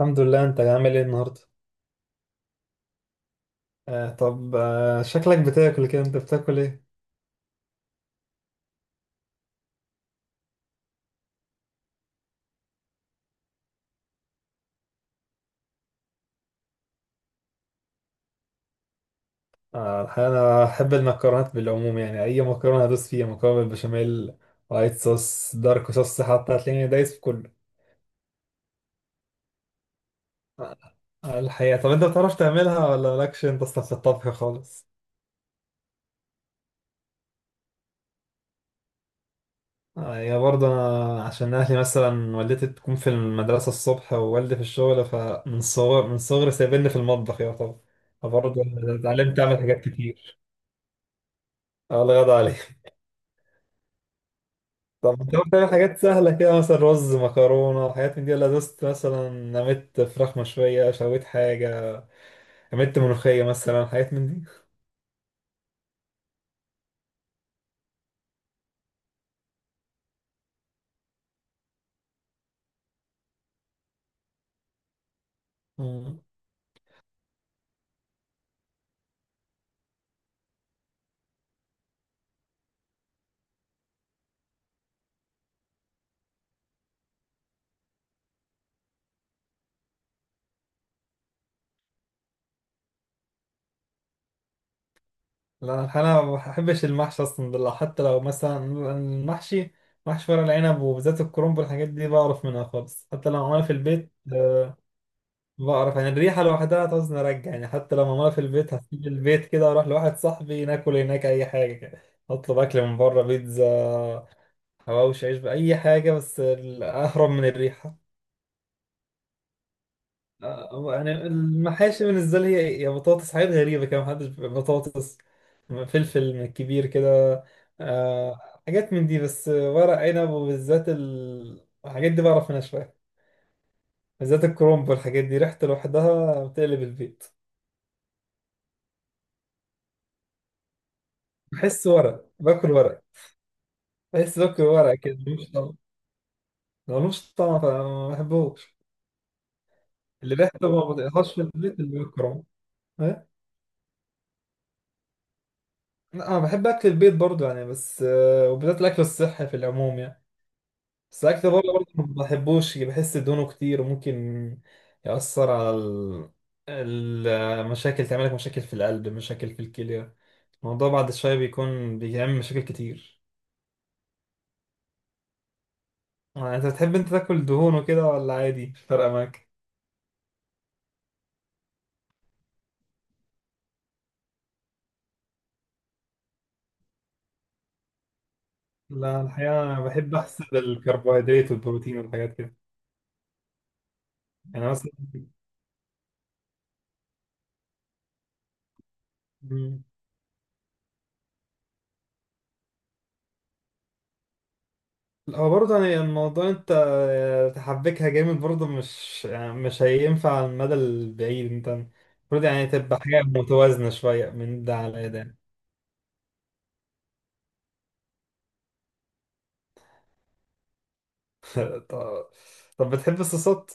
الحمد لله، انت عامل ايه النهارده؟ طب شكلك بتاكل كده، انت بتاكل ايه؟ الحقيقة انا احب المكرونات بالعموم، يعني اي مكرونه ادوس فيها. مكرونه بالبشاميل، وايت صوص، دارك صوص، حتى هتلاقيني دايس في كله. الحقيقه، طب انت بتعرف تعملها ولا مالكش انت اصلا في الطبخ خالص؟ يا برضه انا، عشان اهلي مثلا والدتي بتكون في المدرسه الصبح ووالدي في الشغل، فمن صغر من صغري سايبني في المطبخ، يا طبعا، فبرضه اتعلمت اعمل حاجات كتير. آه، الله يرضى عليك. طب انت ممكن تعمل حاجات سهلة كده، مثلا رز، مكرونة، حاجات من دي؟ ولا دوست مثلا، عملت فراخ مشوية، شويت حاجة، عملت ملوخية مثلا، حاجات من دي؟ مم. لا انا الحقيقة ما بحبش المحشي اصلا، ده حتى لو مثلا المحشي محشي ورق العنب، وبالذات الكرنب والحاجات دي بعرف منها خالص. حتى لو عملها في البيت بعرف يعني الريحة لوحدها تعوز نرجع، يعني حتى لو معمولة في البيت هسيب البيت كده واروح لواحد صاحبي ناكل هناك أي حاجة كده. أطلب أكل من بره، بيتزا، حواوشي، عيش، بأي حاجة، بس أهرب من الريحة. آه، يعني المحاشي بالنسبة لي هي بطاطس، حاجات غريبة كده، محدش بيبقى بطاطس، فلفل كبير كده. آه، حاجات من دي. بس ورق عنب وبالذات الحاجات دي بعرف منها شوية. بالذات الكرنب والحاجات دي ريحته لوحدها بتقلب البيت. بحس ورق باكل ورق بحس باكل ورق كده ملوش طعم. لو ملوش طعم فما بحبوش. اللي ريحته ما بطيقهاش في البيت، اللي هو الكرنب. لا، انا بحب اكل البيت برضو يعني، بس وبالذات الاكل الصحي في العموم يعني. بس الاكل بره برضو ما بحبوش، بحس دهونه كتير وممكن يأثر على المشاكل، تعمل لك مشاكل في القلب، مشاكل في الكلى. الموضوع بعد شوية بيكون بيعمل مشاكل كتير. آه، انت بتحب انت تاكل دهون وكده ولا عادي مش فارقة معاك؟ لا الحقيقة أنا بحب أحسب الكربوهيدرات والبروتين والحاجات كده يعني، مثلا. هو برضه يعني الموضوع، انت تحبكها جامد برضه، مش يعني مش هينفع على المدى البعيد، انت المفروض يعني تبقى حاجة متوازنة شوية من ده على ده. طب, طب بتحب الصوصات؟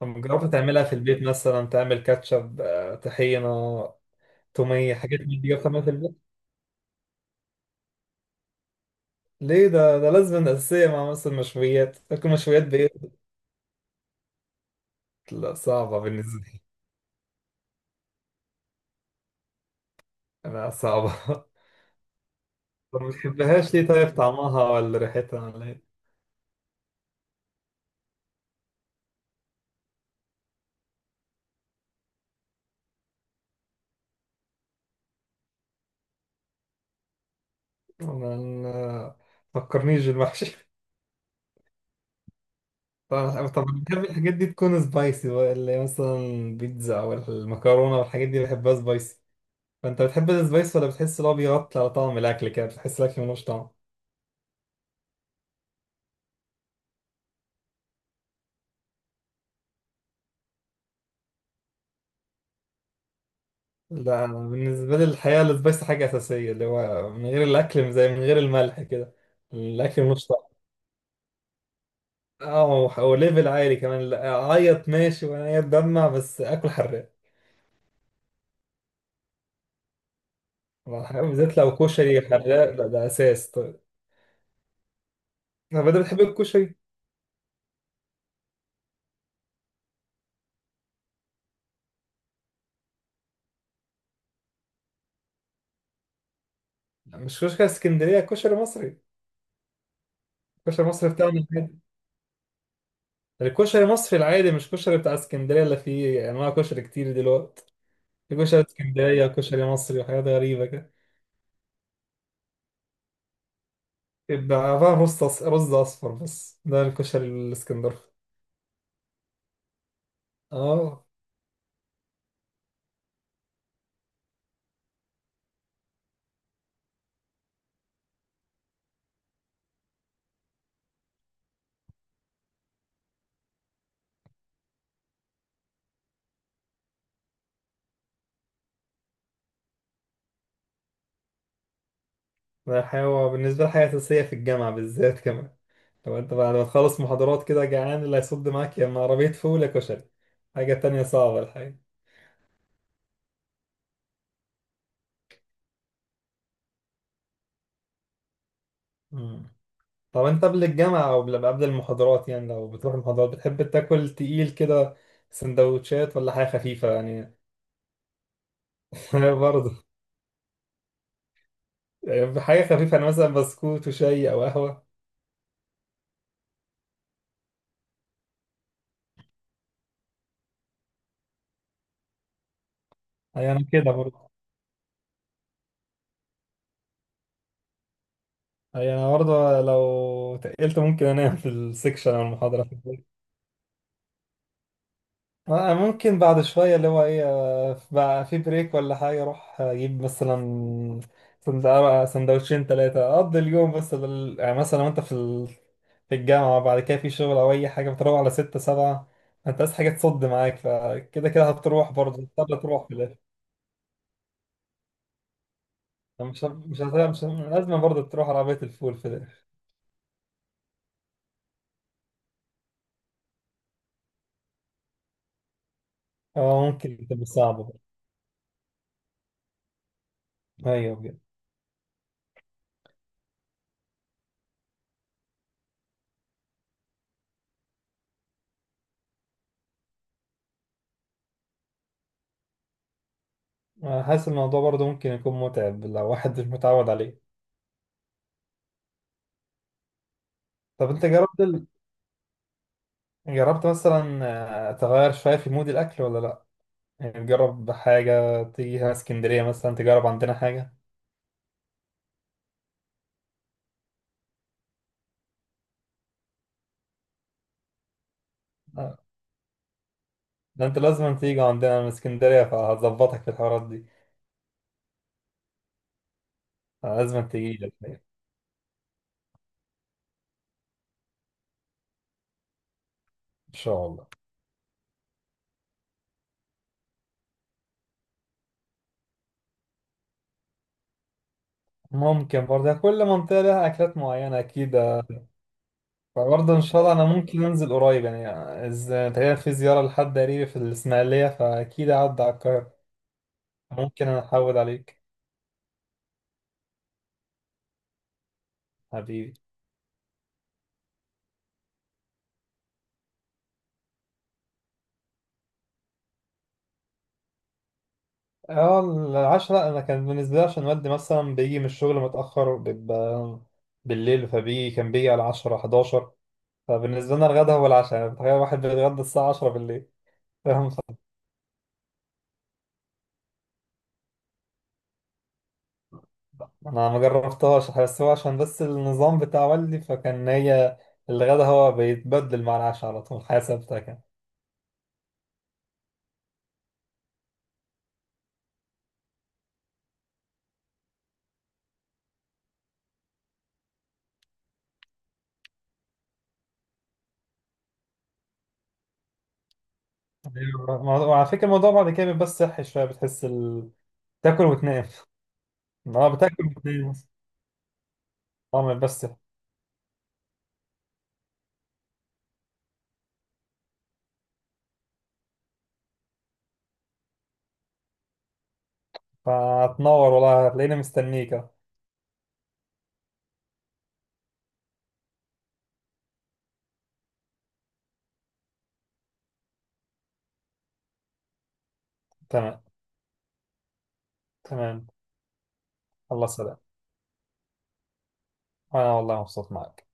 طب جربت تعملها في البيت، مثلا تعمل كاتشب، طحينة، تومية، حاجات من دي، جربت تعملها في البيت؟ ليه؟ ده لازم أساسية مع مثلا مشويات، تاكل مشويات بإيه؟ لا، صعبة بالنسبة لي. لا، صعبة. طب ما بتحبهاش ليه؟ طيب طعمها ولا ريحتها ولا إيه؟ ما فكرنيش بالمحشي. طب أنا بحب الحاجات دي تكون سبايسي بقى، اللي هي مثلا البيتزا او المكرونه والحاجات دي بحبها سبايسي. فانت بتحب السبايس ولا بتحس ان هو بيغطي على طعم الاكل كده، بتحس الاكل ملوش طعم؟ لا، أنا بالنسبه لي الحقيقه السبايسي حاجه اساسيه، اللي هو من غير الاكل زي من غير الملح كده الاكل ملوش طعم. اه، وليفل عالي كمان، لا، اعيط ماشي وانا اتدمع بس اكل حراق. بالذات لو كشري حراق، لا ده اساس طيب. طب انت بتحب الكشري؟ مش كشري اسكندريه، كشري مصري. كشري مصري يعني بتاعنا العادي. الكشري المصري العادي، مش كشري بتاع اسكندريه اللي فيه انواع كشري كتير دلوقتي. في كشري اسكندريه وكشري مصري وحاجات غريبه كده. يبقى عباره عن رز رز اصفر بس، ده الكشري الاسكندراني. اه، ده حاجه بالنسبه لي، حاجه اساسيه في الجامعه بالذات كمان. لو انت بعد ما تخلص محاضرات كده جعان، اللي هيصد معاك يا اما عربيه فول يا كشري. حاجه تانية صعبه الحقيقه. مم. طب انت قبل الجامعة او قبل المحاضرات يعني، لو بتروح المحاضرات بتحب تاكل تقيل كده، سندوتشات ولا حاجة خفيفة يعني؟ برضه. يعني حاجة خفيفة، انا مثلا بسكوت وشاي او قهوة. اي انا كده برضه اي انا برضه لو تقلت ممكن انام في السكشن او المحاضرة. أنا ممكن بعد شوية اللي هو إيه، بقى في بريك ولا حاجة، أروح أجيب مثلا سند- سندوتشين تلاتة، أقضي اليوم، بس يعني مثلا وأنت في الجامعة، وبعد كده في شغل أو أي حاجة بتروح على 6-7. أنت عايز حاجة تصد معاك، فكده كده هتروح برضه، هتضطر تروح في الآخر. مش لازم برضه تروح عربية الفول في الآخر. أه، ممكن تبقى صعبة برضه. أيوه بجد. أنا حاسس الموضوع برضه ممكن يكون متعب لو واحد مش متعود عليه. طب أنت جربت مثلا تغير شوية في مود الأكل ولا لأ؟ يعني تجرب حاجة، تيجي هنا اسكندرية مثلا تجرب عندنا حاجة. آه، ده أنت لازم تيجي عندنا من اسكندرية فهظبطك في الحوارات دي. آه، لازم تيجي لك يعني. إن شاء الله. ممكن برضه يعني، كل منطقة لها أكلات معينة أكيد، فبرضه إن شاء الله أنا ممكن أنزل قريب يعني، إذا تقريبا في زيارة لحد قريبي في الإسماعيلية فأكيد أعدي على القاهرة. ممكن أنا أحود عليك. حبيبي. اه، العشرة أنا كان بالنسبة لي عشان والدي مثلا بيجي من الشغل متأخر، بيبقى بالليل، كان بيجي على 10-11. فبالنسبة لنا الغدا هو العشاء، يعني تخيل واحد بيتغدى الساعة 10 بالليل. فاهم؟ أنا ما جربتهاش، بس هو عشان بس النظام بتاع والدي، فكان هي الغدا هو بيتبدل مع العشاء على طول، حياة ثابتة كان. أيوة. وعلى فكرة الموضوع بعد كده بيبقى بس صحي شوية، بتحس تاكل وتنام. اه، بتاكل وتنام. اه بس. فهتنور والله، هتلاقيني مستنيك أهو. تمام. تمام. الله، سلام. أنا والله مبسوط معك.